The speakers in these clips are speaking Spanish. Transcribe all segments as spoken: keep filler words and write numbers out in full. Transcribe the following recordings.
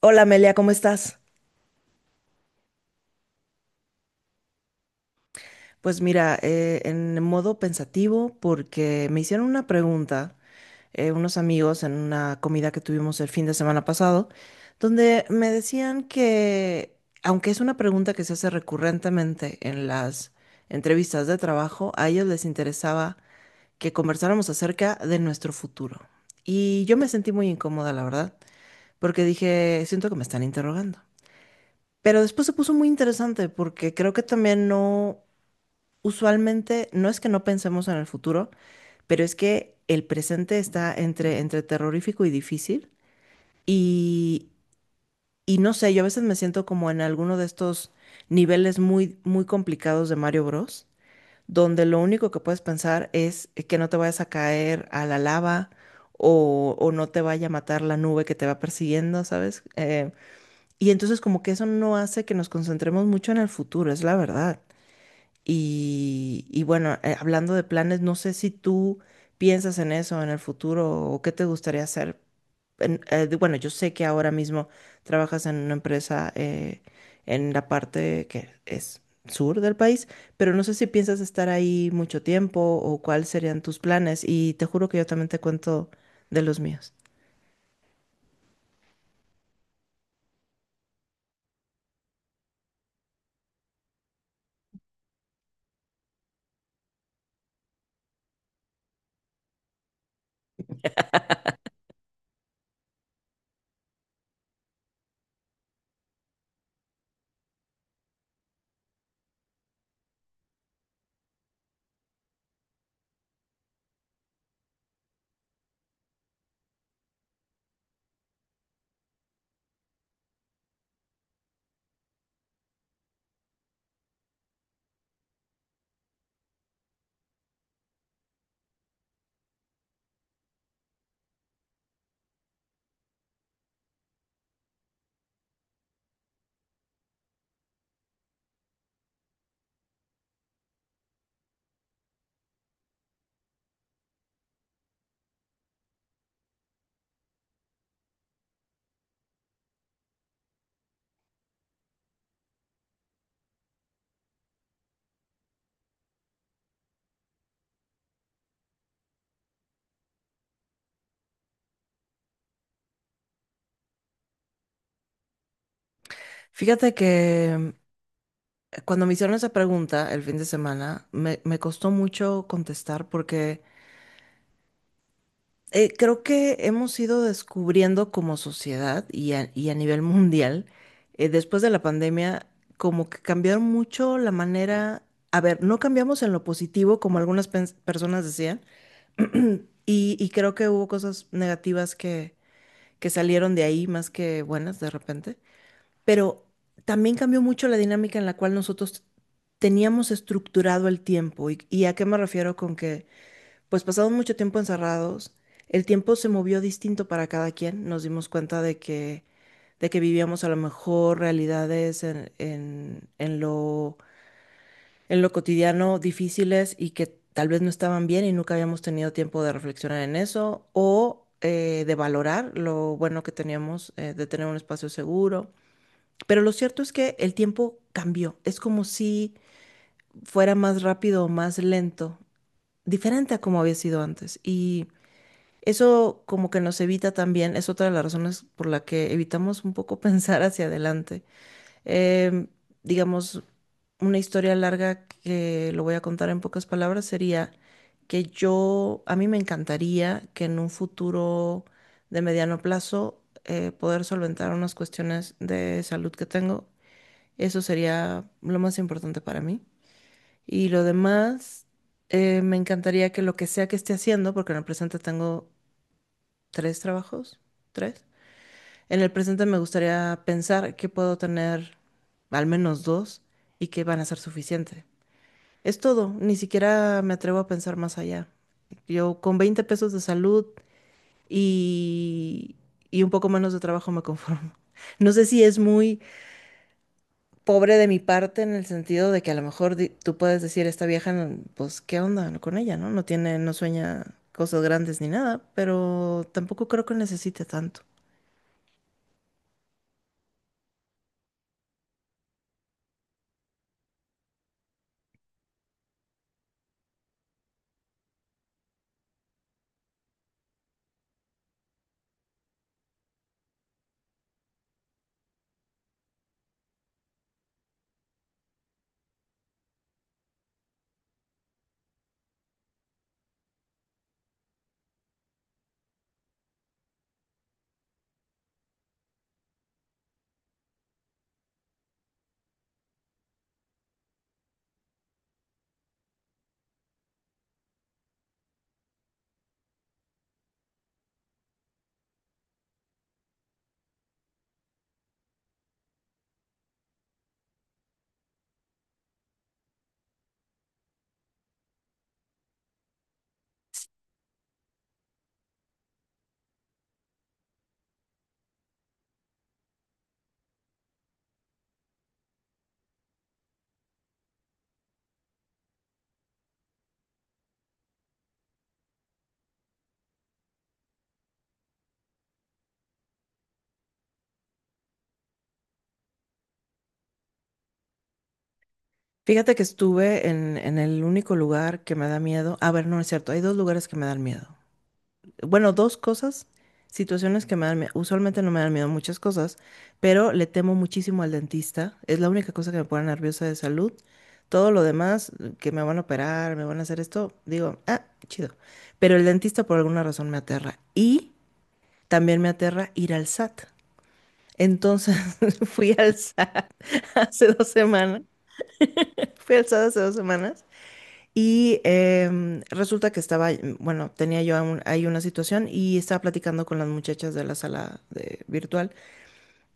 Hola Amelia, ¿cómo estás? Pues mira, eh, en modo pensativo porque me hicieron una pregunta eh, unos amigos en una comida que tuvimos el fin de semana pasado, donde me decían que, aunque es una pregunta que se hace recurrentemente en las entrevistas de trabajo, a ellos les interesaba que conversáramos acerca de nuestro futuro. Y yo me sentí muy incómoda, la verdad, porque dije, siento que me están interrogando. Pero después se puso muy interesante porque creo que también no. Usualmente no es que no pensemos en el futuro, pero es que el presente está entre, entre terrorífico y difícil. Y, y no sé, yo a veces me siento como en alguno de estos niveles muy, muy complicados de Mario Bros, donde lo único que puedes pensar es que no te vayas a caer a la lava o, o no te vaya a matar la nube que te va persiguiendo, ¿sabes? Eh, y entonces como que eso no hace que nos concentremos mucho en el futuro, es la verdad. Y, y bueno, eh, hablando de planes, no sé si tú piensas en eso en el futuro o qué te gustaría hacer. En- eh, de- bueno, yo sé que ahora mismo trabajas en una empresa eh, en la parte que es sur del país, pero no sé si piensas estar ahí mucho tiempo o cuáles serían tus planes. Y te juro que yo también te cuento de los míos. Fíjate que eh, cuando me hicieron esa pregunta el fin de semana, me, me costó mucho contestar porque eh, creo que hemos ido descubriendo como sociedad y a, y a nivel mundial, eh, después de la pandemia, como que cambiaron mucho la manera. A ver, no cambiamos en lo positivo, como algunas pens- personas decían, y, y creo que hubo cosas negativas que, que salieron de ahí más que buenas de repente, pero también cambió mucho la dinámica en la cual nosotros teníamos estructurado el tiempo. ¿Y, y a qué me refiero con que? Pues pasado mucho tiempo encerrados, el tiempo se movió distinto para cada quien, nos dimos cuenta de que, de que vivíamos a lo mejor realidades en, en, en lo, en lo cotidiano difíciles y que tal vez no estaban bien y nunca habíamos tenido tiempo de reflexionar en eso o eh, de valorar lo bueno que teníamos, eh, de tener un espacio seguro. Pero lo cierto es que el tiempo cambió, es como si fuera más rápido o más lento, diferente a como había sido antes. Y eso como que nos evita también, es otra de las razones por la que evitamos un poco pensar hacia adelante. Em, digamos, una historia larga que lo voy a contar en pocas palabras sería que yo, a mí me encantaría que en un futuro de mediano plazo eh, poder solventar unas cuestiones de salud que tengo. Eso sería lo más importante para mí. Y lo demás, eh, me encantaría que lo que sea que esté haciendo, porque en el presente tengo tres trabajos, tres. En el presente me gustaría pensar que puedo tener al menos dos y que van a ser suficiente. Es todo, ni siquiera me atrevo a pensar más allá. Yo con veinte pesos de salud y, y un poco menos de trabajo me conformo. No sé si es muy pobre de mi parte en el sentido de que a lo mejor di- tú puedes decir, esta vieja, no- pues, ¿qué onda con ella, no? No tiene, no sueña cosas grandes ni nada, pero tampoco creo que necesite tanto. Fíjate que estuve en, en el único lugar que me da miedo. A ver, no es cierto. Hay dos lugares que me dan miedo. Bueno, dos cosas, situaciones que me dan miedo. Usualmente no me dan miedo muchas cosas, pero le temo muchísimo al dentista. Es la única cosa que me pone nerviosa de salud. Todo lo demás, mm, que me van a operar, me van a hacer esto, digo, ah, chido. Pero el dentista por alguna razón me aterra. Y también me aterra ir al S A T. Entonces fui al S A T hace dos semanas. Fui al S A T hace dos semanas. Y em, resulta que estaba, mm, bueno, tenía yo un- ahí una situación y estaba platicando con las muchachas de la sala de virtual.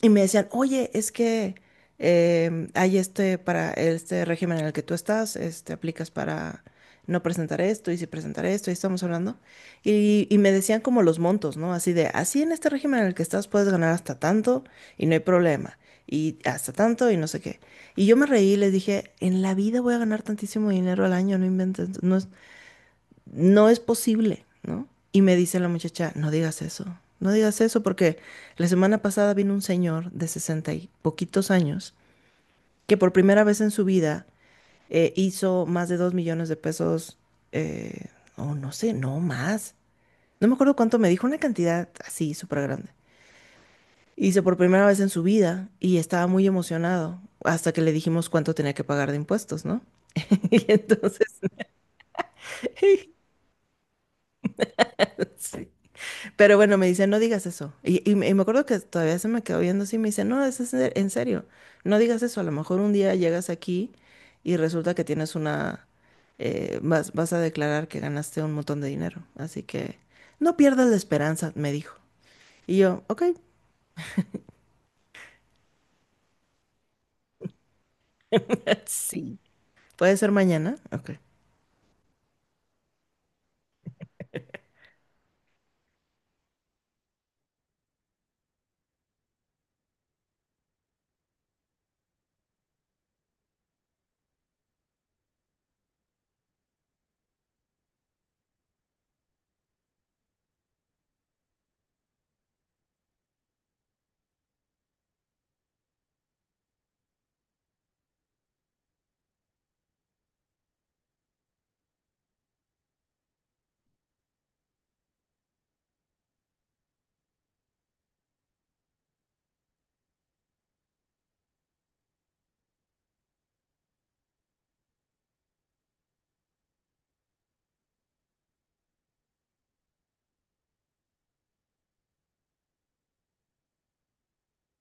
Y me decían, oye, es que em, hay este para este régimen en el que tú estás, este, aplicas para no presentar esto y si presentar esto, y estamos hablando. Y, y me decían como los montos, ¿no? Así de, así en este régimen en el que estás puedes ganar hasta tanto y no hay problema. Y hasta tanto y no sé qué. Y yo me reí y les dije, en la vida voy a ganar tantísimo dinero al año, no inventes, no, no es posible, ¿no? Y me dice la muchacha, no digas eso, no digas eso porque la semana pasada vino un señor de sesenta y poquitos años que por primera vez en su vida eh, hizo más de dos millones de pesos, eh, o oh, no sé, no más. No me acuerdo cuánto me dijo, una cantidad así súper grande. Hizo por primera vez en su vida y estaba muy emocionado hasta que le dijimos cuánto tenía que pagar de impuestos, ¿no? Y entonces, sí. Pero bueno, me dice, no digas eso. Y, y me y me acuerdo que todavía se me quedó viendo así, me dice, no, eso es en en serio, no digas eso. A lo mejor un día llegas aquí y resulta que tienes una, eh, vas, vas, a declarar que ganaste un montón de dinero. Así que no pierdas la esperanza, me dijo. Y yo, ok. Sí, puede ser mañana. Ok.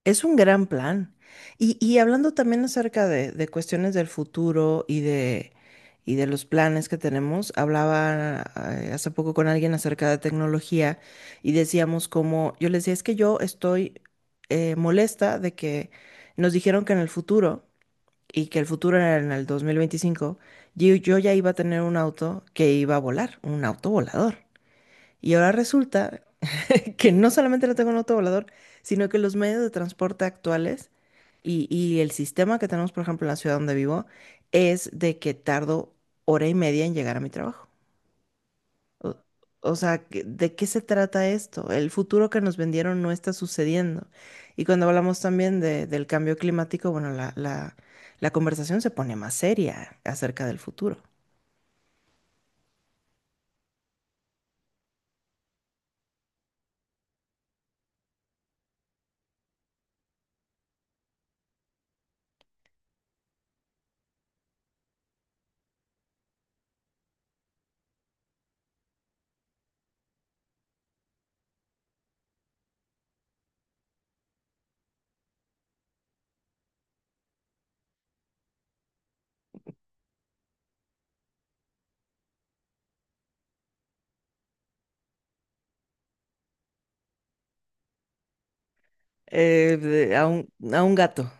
Es un gran plan. Y, y hablando también acerca de, de cuestiones del futuro y de, y de los planes que tenemos, hablaba eh, hace poco con alguien acerca de tecnología y decíamos como, yo les decía, es que yo estoy eh, molesta de que nos dijeron que en el futuro, y que el futuro era en el dos mil veinticinco yo, yo ya iba a tener un auto que iba a volar, un auto volador. Y ahora resulta que no solamente no tenga un autovolador, sino que los medios de transporte actuales y, y el sistema que tenemos, por ejemplo, en la ciudad donde vivo, es de que tardo hora y media en llegar a mi trabajo. O, o sea, que ¿de qué se trata esto? El futuro que nos vendieron no está sucediendo. Y cuando hablamos también de del cambio climático, bueno, la, la, la conversación se pone más seria acerca del futuro. Eh, de- a un, a un gato,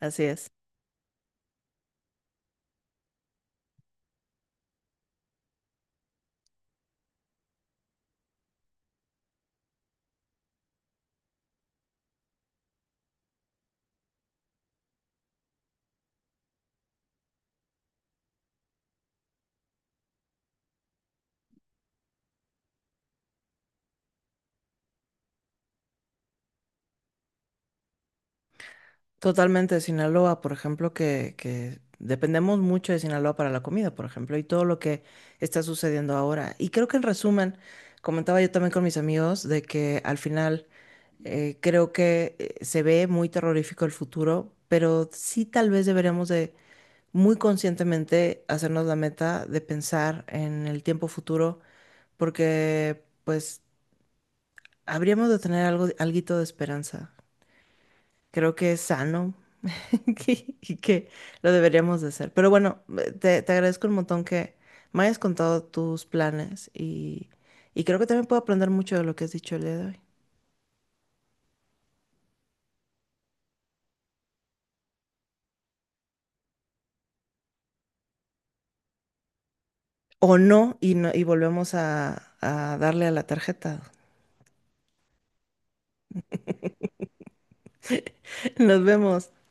así es. Totalmente, Sinaloa, por ejemplo, que, que dependemos mucho de Sinaloa para la comida, por ejemplo, y todo lo que está sucediendo ahora. Y creo que en resumen, comentaba yo también con mis amigos de que al final eh, creo que eh, se ve muy terrorífico el futuro, pero sí tal vez deberíamos de muy conscientemente hacernos la meta de pensar en el tiempo futuro, porque pues habríamos de tener algo, alguito de esperanza. Creo que es sano y que lo deberíamos de hacer. Pero bueno, eh, te, te agradezco un montón que me hayas contado tus planes y, y creo que también puedo aprender mucho de lo que has dicho el día de hoy. O no, y, no, y volvemos a, a, darle a la tarjeta. Nos vemos.